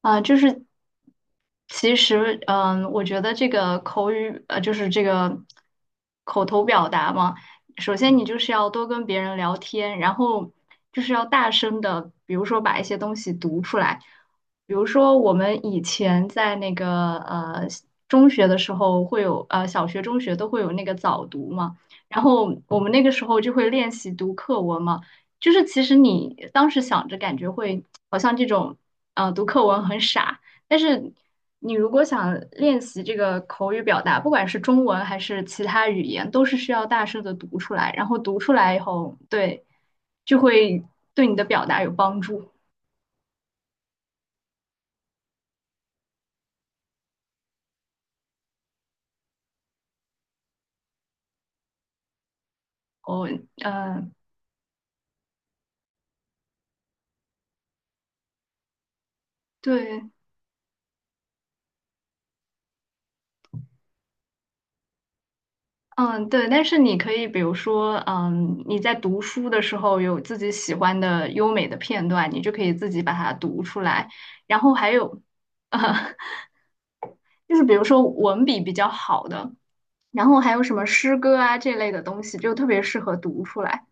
啊，就是其实，嗯，我觉得这个口语，就是这个口头表达嘛，首先你就是要多跟别人聊天，然后就是要大声的，比如说把一些东西读出来，比如说我们以前在那个中学的时候会有，小学、中学都会有那个早读嘛，然后我们那个时候就会练习读课文嘛。就是其实你当时想着感觉会好像这种，读课文很傻，但是你如果想练习这个口语表达，不管是中文还是其他语言，都是需要大声的读出来，然后读出来以后，对，就会对你的表达有帮助。哦，嗯，对。嗯，对，但是你可以，比如说，嗯，你在读书的时候有自己喜欢的优美的片段，你就可以自己把它读出来。然后还有，啊。就是比如说文笔比较好的，然后还有什么诗歌啊这类的东西，就特别适合读出来。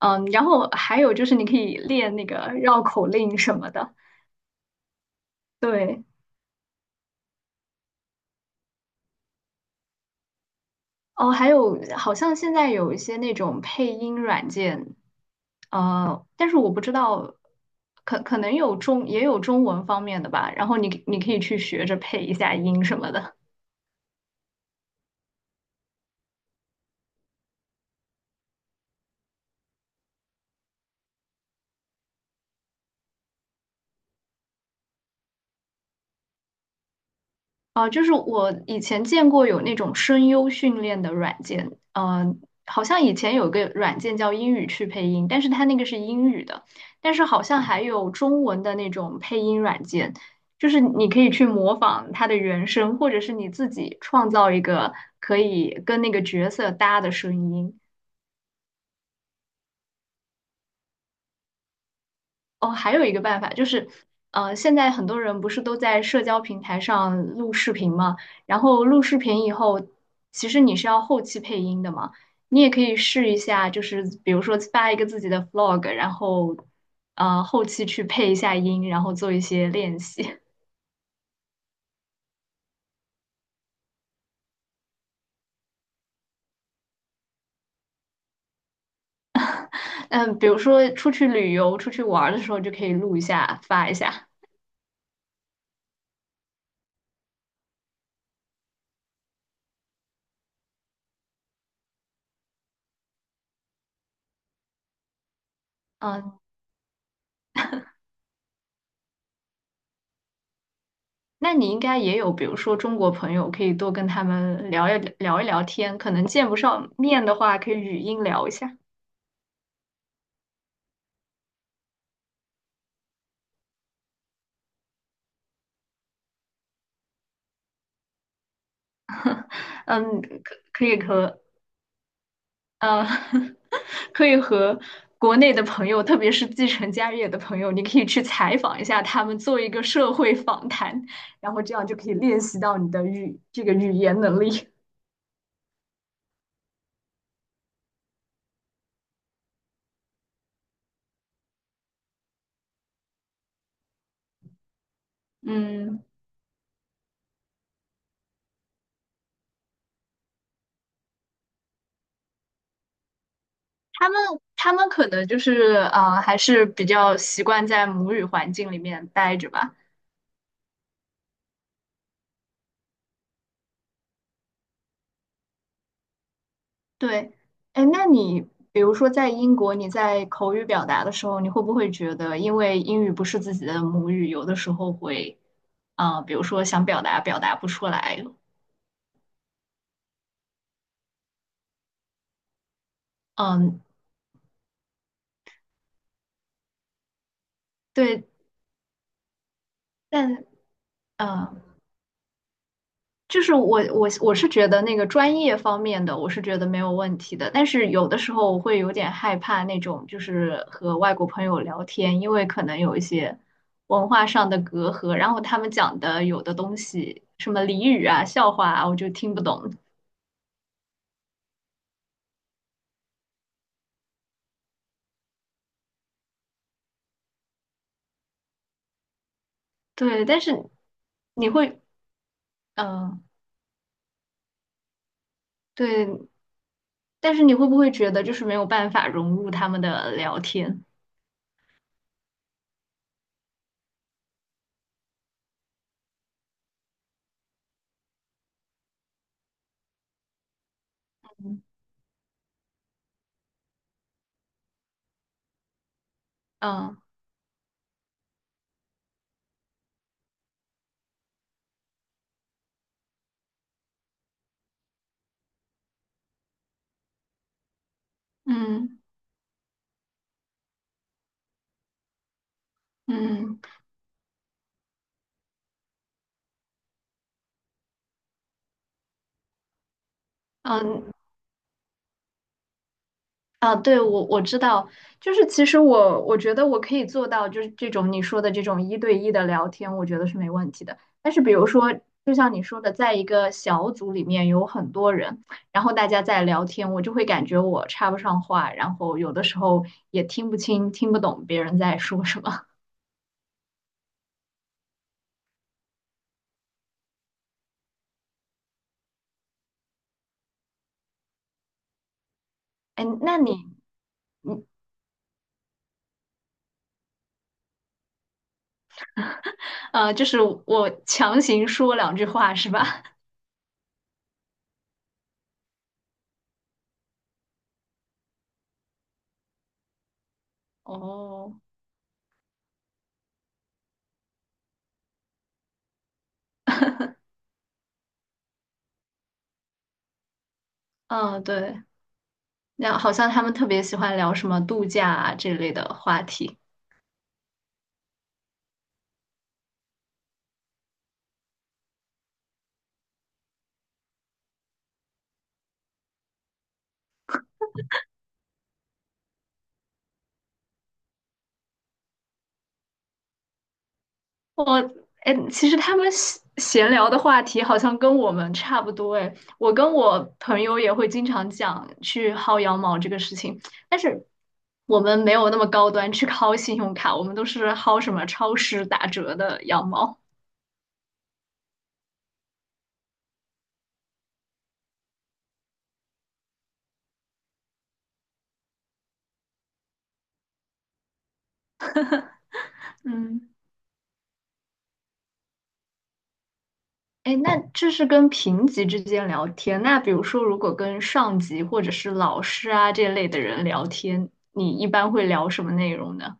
嗯，然后还有就是你可以练那个绕口令什么的。对，哦，还有好像现在有一些那种配音软件，但是我不知道，可能有中也有中文方面的吧。然后你可以去学着配一下音什么的。啊，就是我以前见过有那种声优训练的软件，好像以前有一个软件叫英语去配音，但是它那个是英语的，但是好像还有中文的那种配音软件，就是你可以去模仿它的原声，或者是你自己创造一个可以跟那个角色搭的声音。哦，还有一个办法就是，现在很多人不是都在社交平台上录视频嘛，然后录视频以后，其实你是要后期配音的嘛，你也可以试一下，就是比如说发一个自己的 vlog，然后，后期去配一下音，然后做一些练习。嗯，比如说出去旅游、出去玩儿的时候就可以录一下，发一下。嗯。那你应该也有，比如说中国朋友，可以多跟他们聊天。可能见不上面的话，可以语音聊一下。嗯，可可以和嗯，可以和国内的朋友，特别是继承家业的朋友，你可以去采访一下他们，做一个社会访谈，然后这样就可以练习到你的语这个语言能力。嗯，他们他们可能就是啊，还是比较习惯在母语环境里面待着吧。对，哎，那你比如说在英国，你在口语表达的时候，你会不会觉得，因为英语不是自己的母语，有的时候会，比如说想表达不出来，嗯，对，但嗯、呃就是我是觉得那个专业方面的，我是觉得没有问题的，但是有的时候我会有点害怕那种，就是和外国朋友聊天，因为可能有一些文化上的隔阂，然后他们讲的有的东西，什么俚语啊、笑话啊，我就听不懂。对，但是你会，嗯、对，但是你会不会觉得就是没有办法融入他们的聊天？嗯嗯嗯嗯。嗯啊，对，我知道，就是其实我觉得我可以做到，就是这种你说的这种一对一的聊天，我觉得是没问题的。但是比如说，就像你说的，在一个小组里面有很多人，然后大家在聊天，我就会感觉我插不上话，然后有的时候也听不清、听不懂别人在说什么。哎，那你，你就是我强行说两句话是吧？哦，嗯，对，那好像他们特别喜欢聊什么度假啊这类的话题。我哎，其实他们闲聊的话题好像跟我们差不多哎。我跟我朋友也会经常讲去薅羊毛这个事情，但是我们没有那么高端去薅信用卡，我们都是薅什么超市打折的羊毛。嗯，哎，那这是跟平级之间聊天。那比如说，如果跟上级或者是老师啊这类的人聊天，你一般会聊什么内容呢？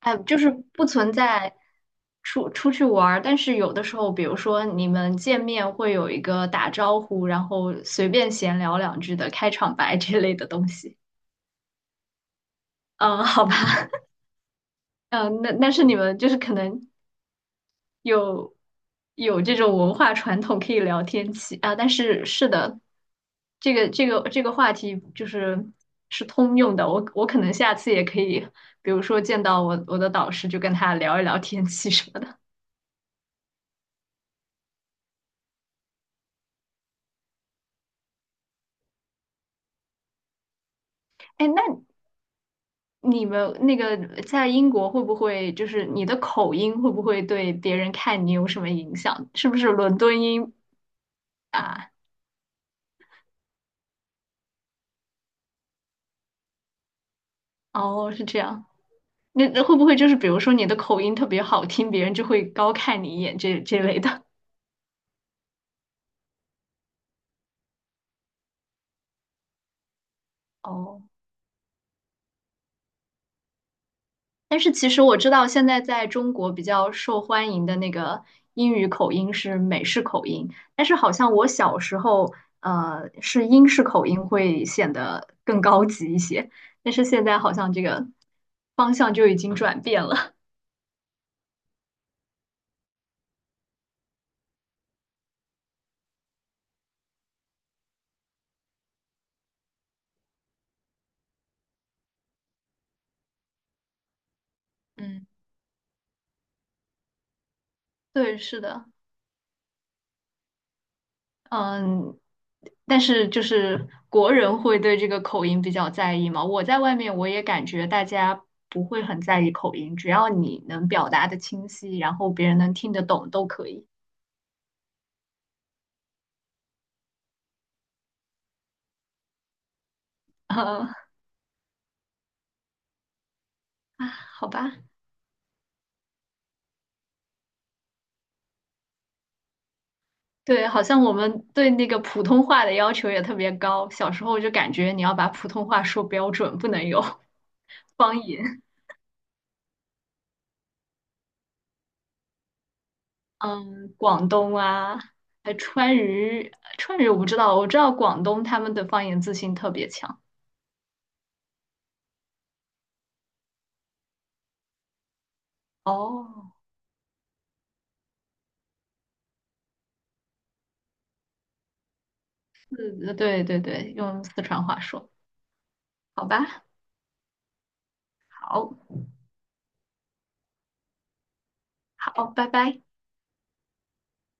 哎，就是不存在出去玩儿，但是有的时候，比如说你们见面会有一个打招呼，然后随便闲聊两句的开场白这类的东西。嗯，好吧，嗯，那但是你们就是可能有有这种文化传统可以聊天气啊，但是是的，这个话题就是是通用的，我我可能下次也可以，比如说见到我的导师就跟他聊一聊天气什么的。哎，那你们那个在英国会不会就是你的口音会不会对别人看你有什么影响？是不是伦敦音啊？哦，是这样。那那会不会就是比如说你的口音特别好听，别人就会高看你一眼这这类的？哦。但是其实我知道，现在在中国比较受欢迎的那个英语口音是美式口音，但是好像我小时候，是英式口音会显得更高级一些，但是现在好像这个方向就已经转变了。嗯，对，是的，嗯，但是就是国人会对这个口音比较在意嘛。我在外面我也感觉大家不会很在意口音，只要你能表达的清晰，然后别人能听得懂都可以。呃，好吧，对，好像我们对那个普通话的要求也特别高。小时候就感觉你要把普通话说标准，不能有 方言。嗯，广东啊，还川渝，川渝我不知道，我知道广东他们的方言自信特别强。哦，是的对对对，用四川话说，好吧，好，好，拜拜。